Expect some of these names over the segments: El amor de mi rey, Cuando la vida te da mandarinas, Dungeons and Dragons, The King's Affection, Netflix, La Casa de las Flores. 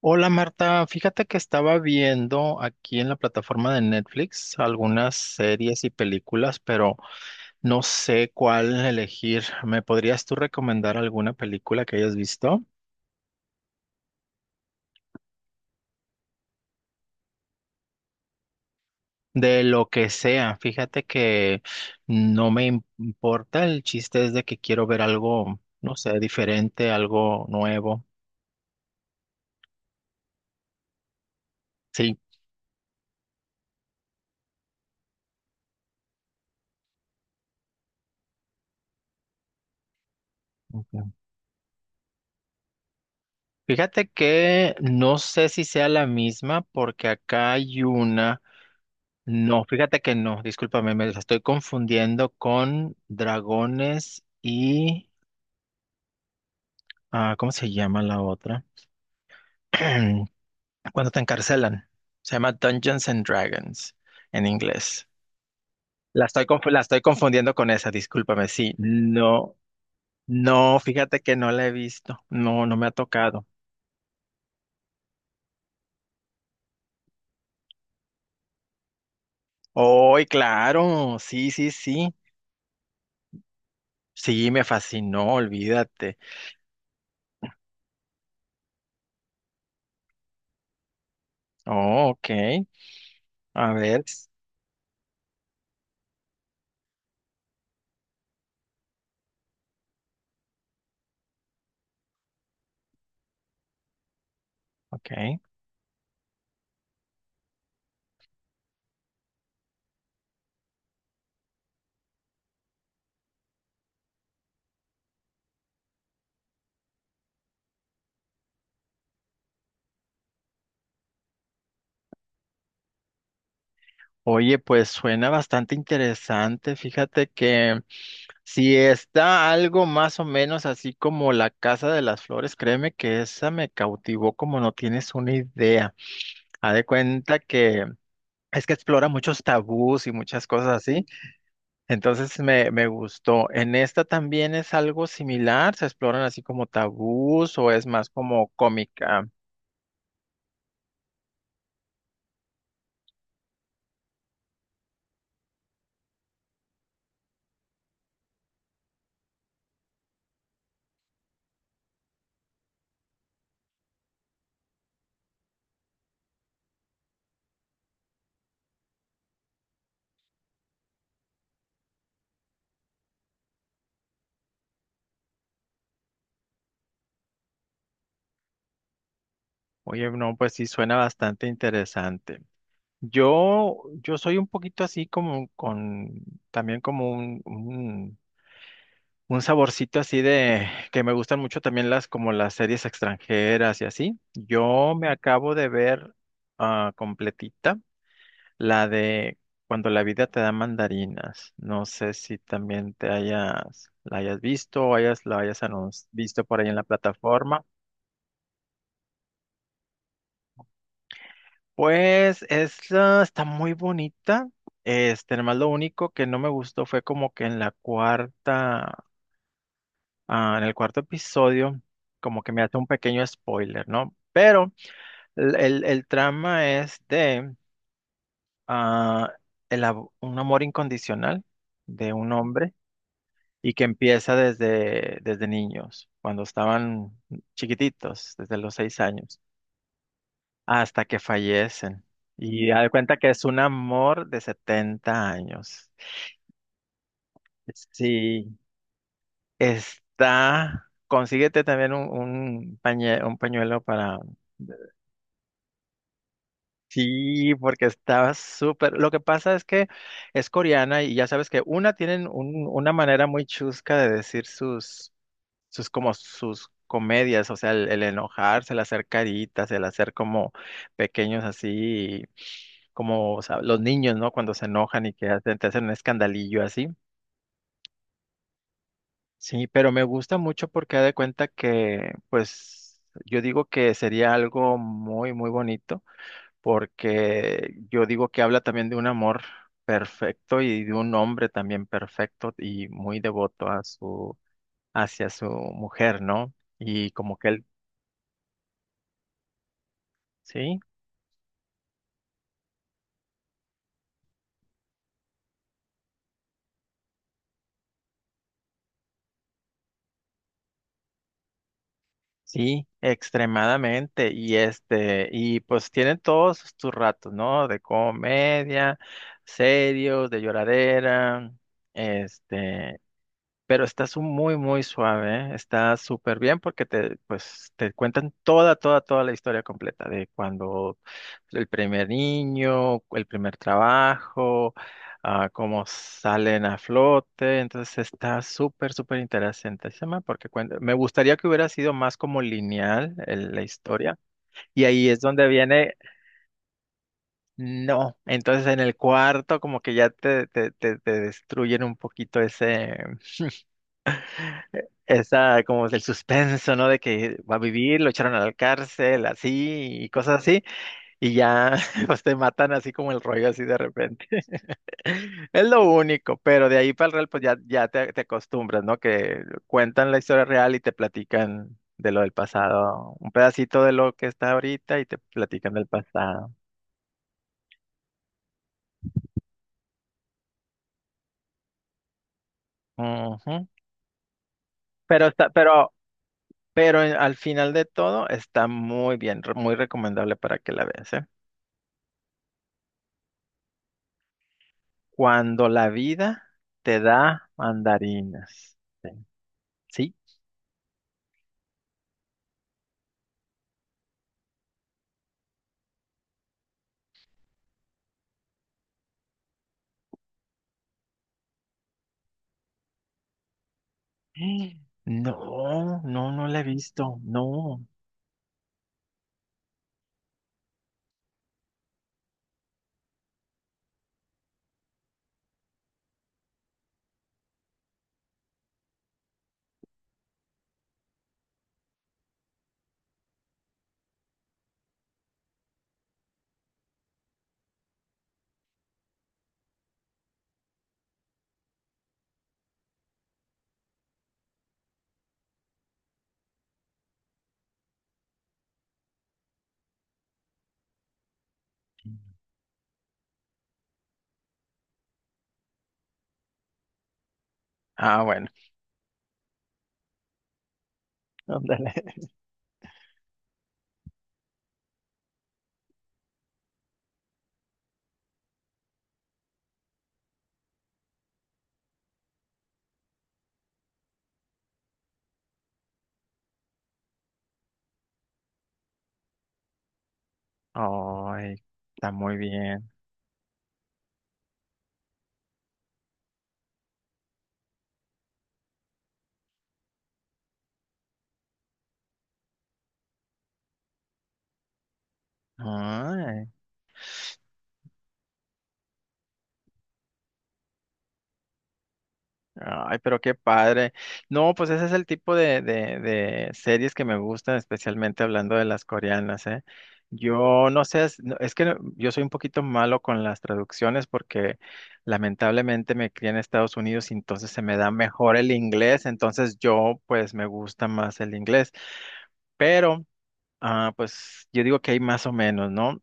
Hola Marta, fíjate que estaba viendo aquí en la plataforma de Netflix algunas series y películas, pero no sé cuál elegir. ¿Me podrías tú recomendar alguna película que hayas visto? De lo que sea, fíjate que no me importa, el chiste es de que quiero ver algo, no sé, diferente, algo nuevo. Sí. Fíjate que no sé si sea la misma porque acá hay una. No, fíjate que no, discúlpame, me las estoy confundiendo con dragones y... ¿cómo se llama la otra? Cuando te encarcelan. Se llama Dungeons and Dragons en inglés. La estoy confundiendo con esa, discúlpame, sí. No, no, fíjate que no la he visto. No, no me ha tocado. ¡Ay, claro! Sí, sí, sí. Sí, me fascinó, olvídate. Oh, ok. A ver, s- ok. Oye, pues suena bastante interesante. Fíjate que si está algo más o menos así como La Casa de las Flores, créeme que esa me cautivó como no tienes una idea. Haz de cuenta que es que explora muchos tabús y muchas cosas así. Entonces me gustó. En esta también es algo similar. Se exploran así como tabús o es más como cómica. Oye, no, pues sí suena bastante interesante. Yo soy un poquito así como también como un saborcito así de, que me gustan mucho también como las series extranjeras y así. Yo me acabo de ver completita la de Cuando la vida te da mandarinas. No sé si también te hayas, la hayas visto o hayas, la hayas visto por ahí en la plataforma. Pues esta está muy bonita. Este, nomás lo único que no me gustó fue como que en la cuarta, en el cuarto episodio, como que me hace un pequeño spoiler, ¿no? Pero el trama es de ah, un amor incondicional de un hombre y que empieza desde niños, cuando estaban chiquititos, desde los 6 años hasta que fallecen. Y da de cuenta que es un amor de 70 años. Sí, está. Consíguete también un pañuelo para. Sí, porque está súper. Lo que pasa es que es coreana y ya sabes que una tienen una manera muy chusca de decir sus como sus comedias, o sea, el enojarse, el hacer caritas, el hacer como pequeños así, como o sea, los niños, ¿no? Cuando se enojan y te hacen un escandalillo así. Sí, pero me gusta mucho porque da de cuenta que, pues, yo digo que sería algo muy, muy bonito, porque yo digo que habla también de un amor perfecto y de un hombre también perfecto y muy devoto a su, hacia su mujer, ¿no? Y como que él, sí. Sí, extremadamente. Y este, y pues tienen todos sus ratos, ¿no? De comedia, serios, de lloradera, este, pero estás muy, muy suave, ¿eh? Está súper bien porque te, pues, te cuentan toda, toda, toda la historia completa de cuando el primer niño, el primer trabajo, cómo salen a flote. Entonces está súper, súper interesante ese tema porque me gustaría que hubiera sido más como lineal la historia. Y ahí es donde viene, no. Entonces en el cuarto como que ya te destruyen un poquito ese... esa, como el suspenso, ¿no? De que va a vivir, lo echaron a la cárcel, así, y cosas así, y ya, pues te matan así como el rollo, así de repente. Es lo único, pero de ahí para el real, pues ya, te acostumbras, ¿no? Que cuentan la historia real y te platican de lo del pasado, un pedacito de lo que está ahorita y te platican del pasado. Ujú. Pero está, pero al final de todo está muy bien, muy recomendable para que la veas, ¿eh? Cuando la vida te da mandarinas. ¿Sí? No, no la he visto. No. Ah, bueno. Ándale. Ay, está muy bien. Ay. Ay, pero qué padre. No, pues ese es el tipo de series que me gustan, especialmente hablando de las coreanas, ¿eh? Yo no sé, es, no, es que no- yo soy un poquito malo con las traducciones porque lamentablemente me crié en Estados Unidos y entonces se me da mejor el inglés, entonces yo pues me gusta más el inglés, pero pues yo digo que hay más o menos, ¿no?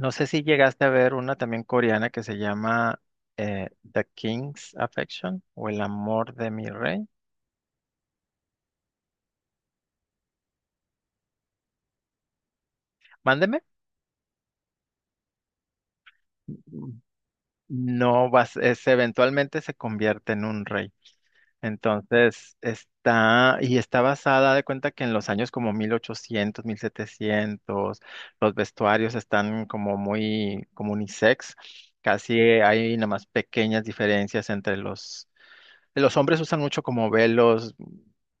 No sé si llegaste a ver una también coreana que se llama The King's Affection o El amor de mi rey. Mándeme. No vas, eventualmente se convierte en un rey. Entonces está, y está basada de cuenta que en los años como 1800, 1700, los vestuarios están como muy, como unisex. Casi hay nada más pequeñas diferencias entre los hombres usan mucho como velos,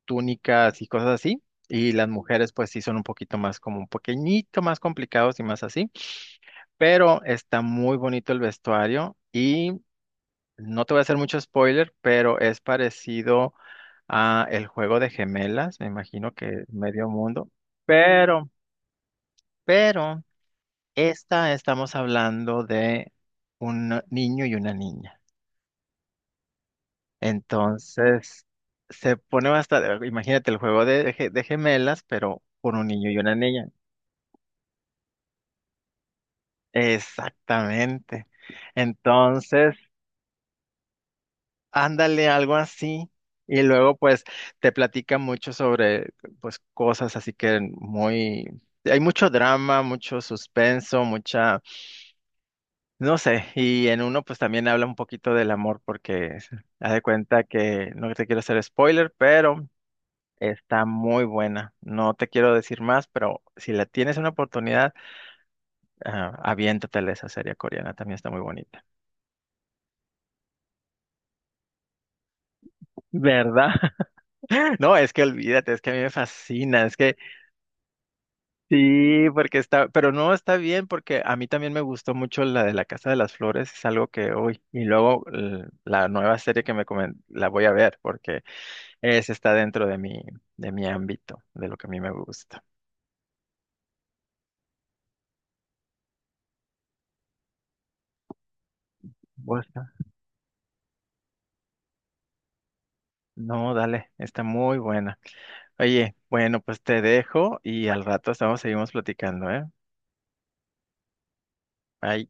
túnicas y cosas así. Y las mujeres pues sí son un poquito más como un pequeñito más complicados y más así. Pero está muy bonito el vestuario y no te voy a hacer mucho spoiler, pero es parecido a el juego de gemelas, me imagino que medio mundo, pero, pero, esta estamos hablando de un niño y una niña. Entonces, se pone bastante, imagínate el juego de, de gemelas, pero con un niño y una niña. Exactamente. Entonces, ándale, algo así. Y luego, pues, te platica mucho sobre, pues, cosas así que muy... Hay mucho drama, mucho suspenso, mucha... No sé, y en uno, pues, también habla un poquito del amor porque haz de cuenta que no te quiero hacer spoiler, pero está muy buena. No te quiero decir más, pero si la tienes una oportunidad, aviéntatela esa serie coreana, también está muy bonita. ¿Verdad? No, es que olvídate, es que a mí me fascina, es que... Sí, porque está, pero no está bien porque a mí también me gustó mucho la de la Casa de las Flores, es algo que hoy, y luego la nueva serie que me la voy a ver porque esa está dentro de mi ámbito, de lo que a mí me gusta. ¿Bueno? No, dale, está muy buena. Oye, bueno, pues te dejo y al rato estamos, seguimos platicando, ¿eh? Bye.